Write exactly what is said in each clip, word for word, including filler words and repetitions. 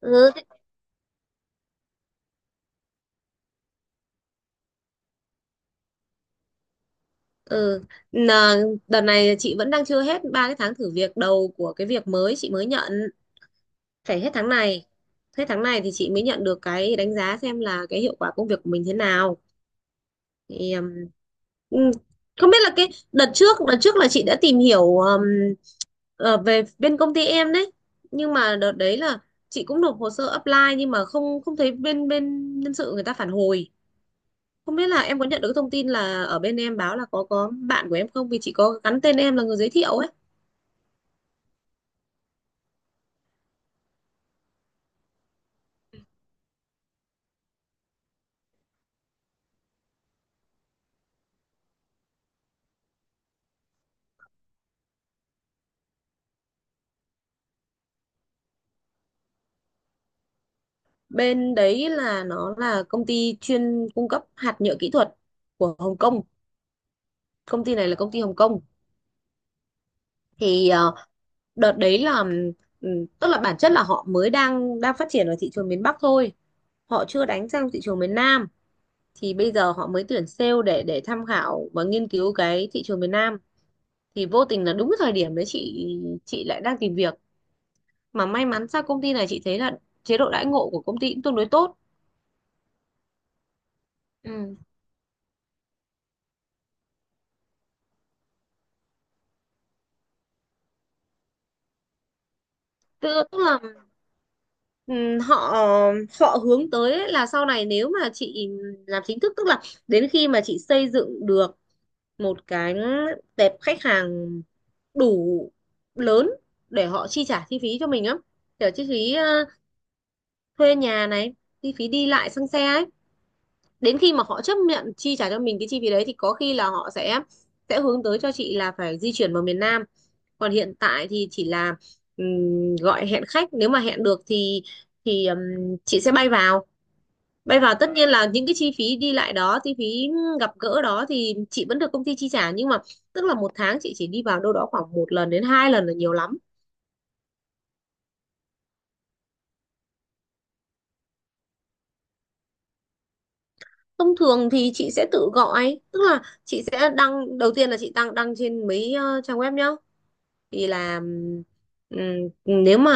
Ừ. thế- ừ. Nà, đợt này chị vẫn đang chưa hết ba cái tháng thử việc đầu của cái việc mới chị mới nhận, phải hết tháng này hết tháng này thì chị mới nhận được cái đánh giá xem là cái hiệu quả công việc của mình thế nào. Thì um, ừ, không biết là cái đợt trước đợt trước là chị đã tìm hiểu um, ờ, về bên công ty em đấy, nhưng mà đợt đấy là chị cũng nộp hồ sơ apply nhưng mà không không thấy bên bên nhân sự người ta phản hồi. Không biết là em có nhận được cái thông tin là ở bên em báo là có có bạn của em không? Vì chị có gắn tên em là người giới thiệu ấy. Bên đấy là nó là công ty chuyên cung cấp hạt nhựa kỹ thuật của Hồng Kông. Công ty này là công ty Hồng Kông. Thì ờ, đợt đấy là ừm, tức là bản chất là họ mới đang đang phát triển ở thị trường miền Bắc thôi. Họ chưa đánh sang thị trường miền Nam. Thì bây giờ họ mới tuyển sale để để tham khảo và nghiên cứu cái thị trường miền Nam. Thì vô tình là đúng cái thời điểm đấy chị chị lại đang tìm việc, mà may mắn sao công ty này chị thấy là chế độ đãi ngộ của công ty cũng tương đối tốt. Ừ. tức, tức là ừm, họ họ hướng tới ấy là sau này nếu mà chị làm chính thức, tức là đến khi mà chị xây dựng được một cái tệp khách hàng đủ lớn để họ chi trả chi phí cho mình á, kiểu chi phí ờ, thuê nhà này, chi phí đi lại xăng xe ấy. Đến khi mà họ chấp nhận chi trả cho mình cái chi phí đấy thì có khi là họ sẽ sẽ hướng tới cho chị là phải di chuyển vào miền Nam. Còn hiện tại thì chỉ là ừm, gọi hẹn khách, nếu mà hẹn được thì thì ừm, chị sẽ bay vào. Bay vào tất nhiên là những cái chi phí đi lại đó, chi phí gặp gỡ đó thì chị vẫn được công ty chi trả, nhưng mà tức là một tháng chị chỉ đi vào đâu đó khoảng một lần đến hai lần là nhiều lắm. Thông thường thì chị sẽ tự gọi, tức là chị sẽ đăng, đầu tiên là chị đăng đăng trên mấy ờ, trang web nhá. Thì là ừm, ừm, nếu mà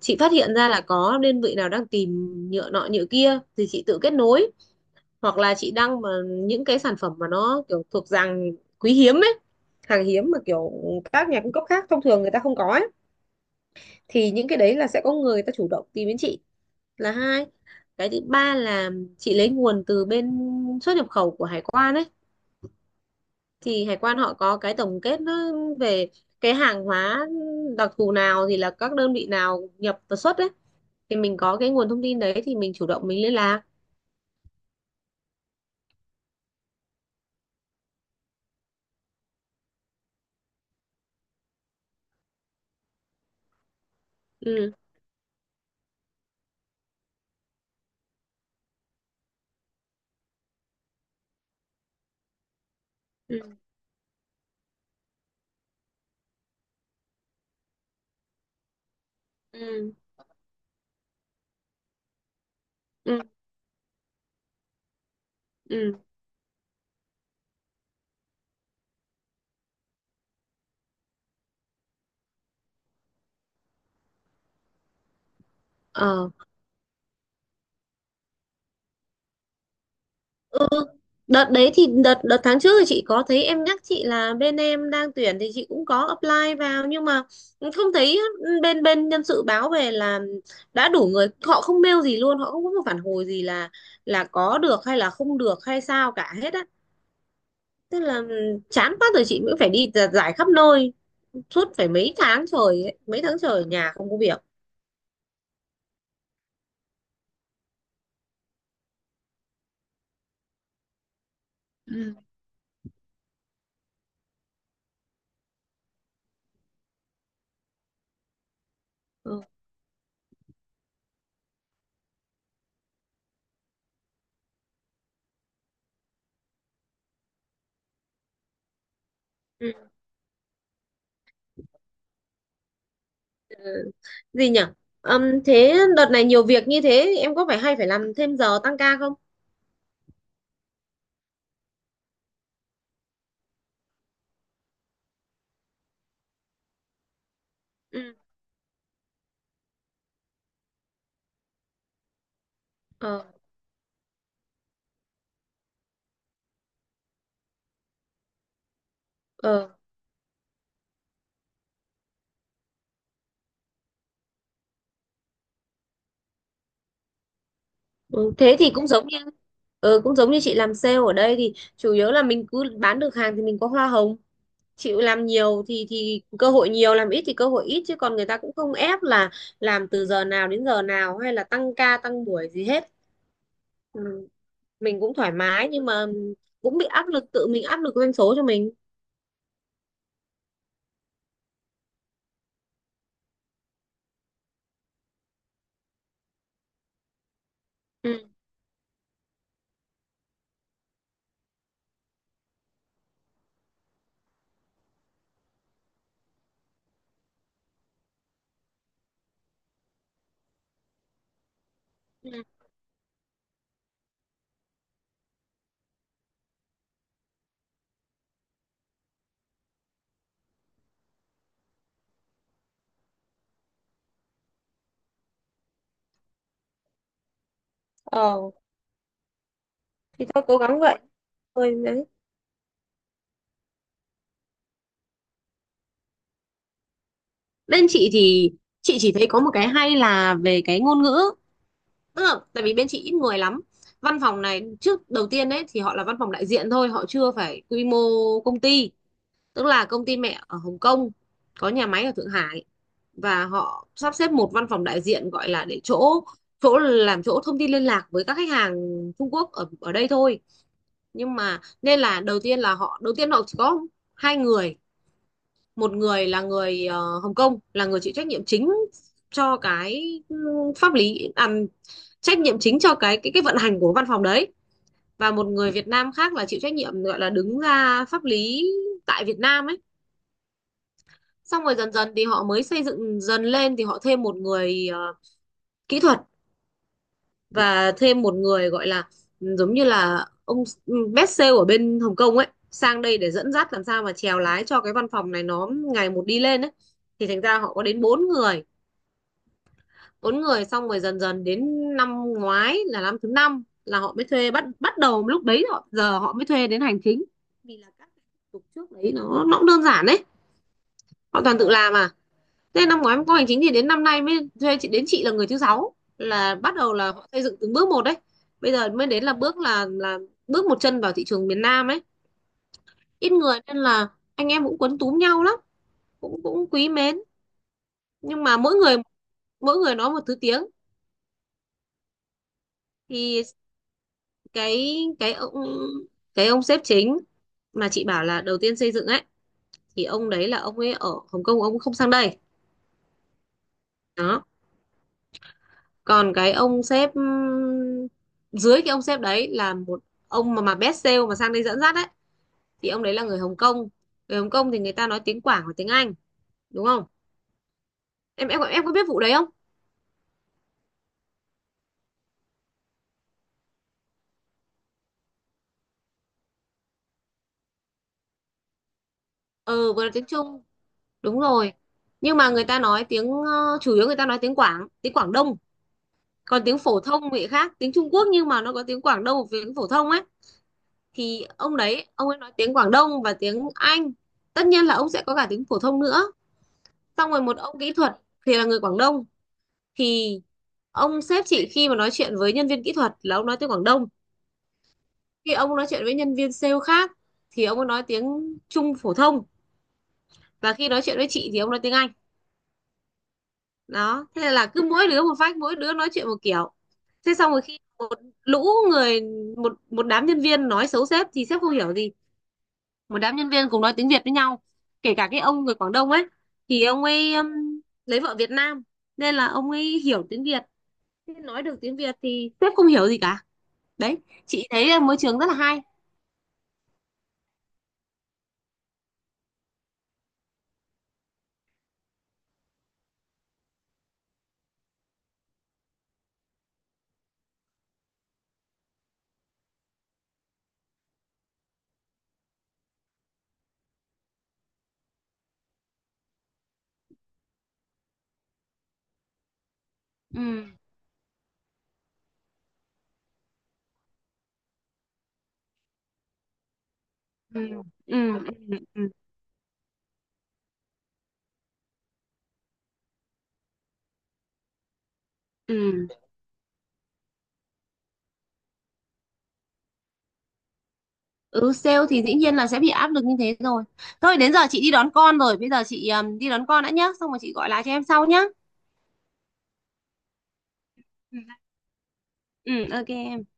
chị phát hiện ra là có đơn vị nào đang tìm nhựa nọ nhựa kia thì chị tự kết nối, hoặc là chị đăng mà những cái sản phẩm mà nó kiểu thuộc dạng quý hiếm ấy, hàng hiếm mà kiểu các nhà cung cấp khác thông thường người ta không có ấy, thì những cái đấy là sẽ có người ta chủ động tìm đến chị, là hai. Cái thứ ba là chị lấy nguồn từ bên xuất nhập khẩu của hải quan ấy. Thì hải quan họ có cái tổng kết nó về cái hàng hóa đặc thù nào thì là các đơn vị nào nhập và xuất ấy, thì mình có cái nguồn thông tin đấy thì mình chủ động mình liên lạc. Ừ. Ừ. Ừ. Ừ. Ừ. Đợt đấy thì đợt đợt tháng trước thì chị có thấy em nhắc chị là bên em đang tuyển thì chị cũng có apply vào, nhưng mà không thấy ừ, bên bên nhân sự báo về là đã đủ người, họ không mail gì luôn, họ không có một phản hồi gì là là có được hay là không được hay sao cả hết á. Tức là ừ, chán quá rồi chị cũng phải đi giặt giải khắp nơi, suốt phải mấy tháng trời ấy, mấy tháng trời ở nhà không có việc. Ừ. Ừ. Ừ. Gì nhỉ. Ừm, thế đợt này nhiều việc như thế em có phải hay phải làm thêm giờ tăng ca không? Ừ. Ờ, ừ, thế thì cũng giống như ừ, cũng giống như chị làm sale ở đây thì chủ yếu là mình cứ bán được hàng thì mình có hoa hồng, chịu làm nhiều thì thì cơ hội nhiều, làm ít thì cơ hội ít, chứ còn người ta cũng không ép là làm từ giờ nào đến giờ nào hay là tăng ca tăng buổi gì hết. Ừ, mình cũng thoải mái nhưng mà cũng bị áp lực, tự mình áp lực doanh số cho mình. Ừ. Ừ. Ờ, thôi cố gắng vậy. Thôi đấy. Bên chị thì chị chỉ thấy có một cái hay, là về cái ngôn ngữ. Tức là, tại vì bên chị ít người lắm. Văn phòng này trước, đầu tiên ấy thì họ là văn phòng đại diện thôi, họ chưa phải quy mô công ty. Tức là công ty mẹ ở Hồng Kông có nhà máy ở Thượng Hải, và họ sắp xếp một văn phòng đại diện gọi là để chỗ chỗ làm chỗ thông tin liên lạc với các khách hàng Trung Quốc ở ở đây thôi. Nhưng mà nên là đầu tiên là họ, đầu tiên họ chỉ có hai người. Một người là người ờ, Hồng Kông, là người chịu trách nhiệm chính cho cái ừ, pháp lý à, trách nhiệm chính cho cái cái cái vận hành của văn phòng đấy, và một người Việt Nam khác là chịu trách nhiệm, gọi là đứng ra pháp lý tại Việt Nam ấy. Xong rồi dần dần thì họ mới xây dựng dần lên thì họ thêm một người ờ, kỹ thuật, và thêm một người gọi là ừ, giống như là ông ừ, best sale ở bên Hồng Kông ấy, sang đây để dẫn dắt, làm sao mà chèo lái cho cái văn phòng này nó ngày một đi lên ấy. Thì thành ra họ có đến bốn người. Bốn người, xong rồi dần dần đến năm ngoái là năm thứ năm là họ mới thuê, bắt bắt đầu lúc đấy họ, giờ họ mới thuê đến hành chính, vì là các thủ tục trước đấy nó nó cũng đơn giản đấy, họ toàn tự làm à. Thế năm ngoái có hành chính thì đến năm nay mới thuê chị, đến chị là người thứ sáu, là bắt đầu là họ xây dựng từng bước một đấy. Bây giờ mới đến là bước, là là bước một chân vào thị trường miền Nam ấy. Ít người nên là anh em cũng quấn túm nhau lắm, cũng cũng quý mến. Nhưng mà mỗi người, mỗi người nói một thứ tiếng. Thì cái cái ông cái ông sếp chính mà chị bảo là đầu tiên xây dựng ấy, thì ông đấy là ông ấy ở Hồng Kông, ông không sang đây. Đó, còn cái ông sếp, ừm, dưới cái ông sếp đấy là một ông mà mà best sale mà sang đây dẫn dắt ấy, thì ông đấy là người Hồng Kông. Người Hồng Kông thì người ta nói tiếng Quảng và tiếng Anh, đúng không? Em em em có biết vụ đấy không? Ừ, vừa là tiếng Trung, đúng rồi. Nhưng mà người ta nói tiếng ờ, chủ yếu người ta nói tiếng Quảng, tiếng Quảng Đông. Còn tiếng phổ thông thì khác tiếng Trung Quốc, nhưng mà nó có tiếng Quảng Đông và tiếng phổ thông ấy. Thì ông đấy ông ấy nói tiếng Quảng Đông và tiếng Anh, tất nhiên là ông sẽ có cả tiếng phổ thông nữa. Xong rồi một ông kỹ thuật thì là người Quảng Đông, thì ông sếp chị khi mà nói chuyện với nhân viên kỹ thuật là ông nói tiếng Quảng Đông, khi ông nói chuyện với nhân viên sale khác thì ông ấy nói tiếng Trung phổ thông, và khi nói chuyện với chị thì ông nói tiếng Anh. Đó, thế là cứ mỗi đứa một phách, mỗi đứa nói chuyện một kiểu. Thế xong rồi khi một lũ người, một một đám nhân viên nói xấu sếp thì sếp không hiểu gì, một đám nhân viên cùng nói tiếng Việt với nhau, kể cả cái ông người Quảng Đông ấy thì ông ấy um, lấy vợ Việt Nam nên là ông ấy hiểu tiếng Việt, nói được tiếng Việt, thì sếp không hiểu gì cả. Đấy, chị thấy là môi trường rất là hay. Ừ. Ừ. Ừ. Ừ. Ừ. Ừ. Ừ, sale thì dĩ nhiên là sẽ bị áp lực như thế rồi. Thôi đến giờ chị đi đón con rồi, bây giờ chị um, đi đón con đã nhá, xong rồi chị gọi lại cho em sau nhá. Ừ. Ừ, ok em.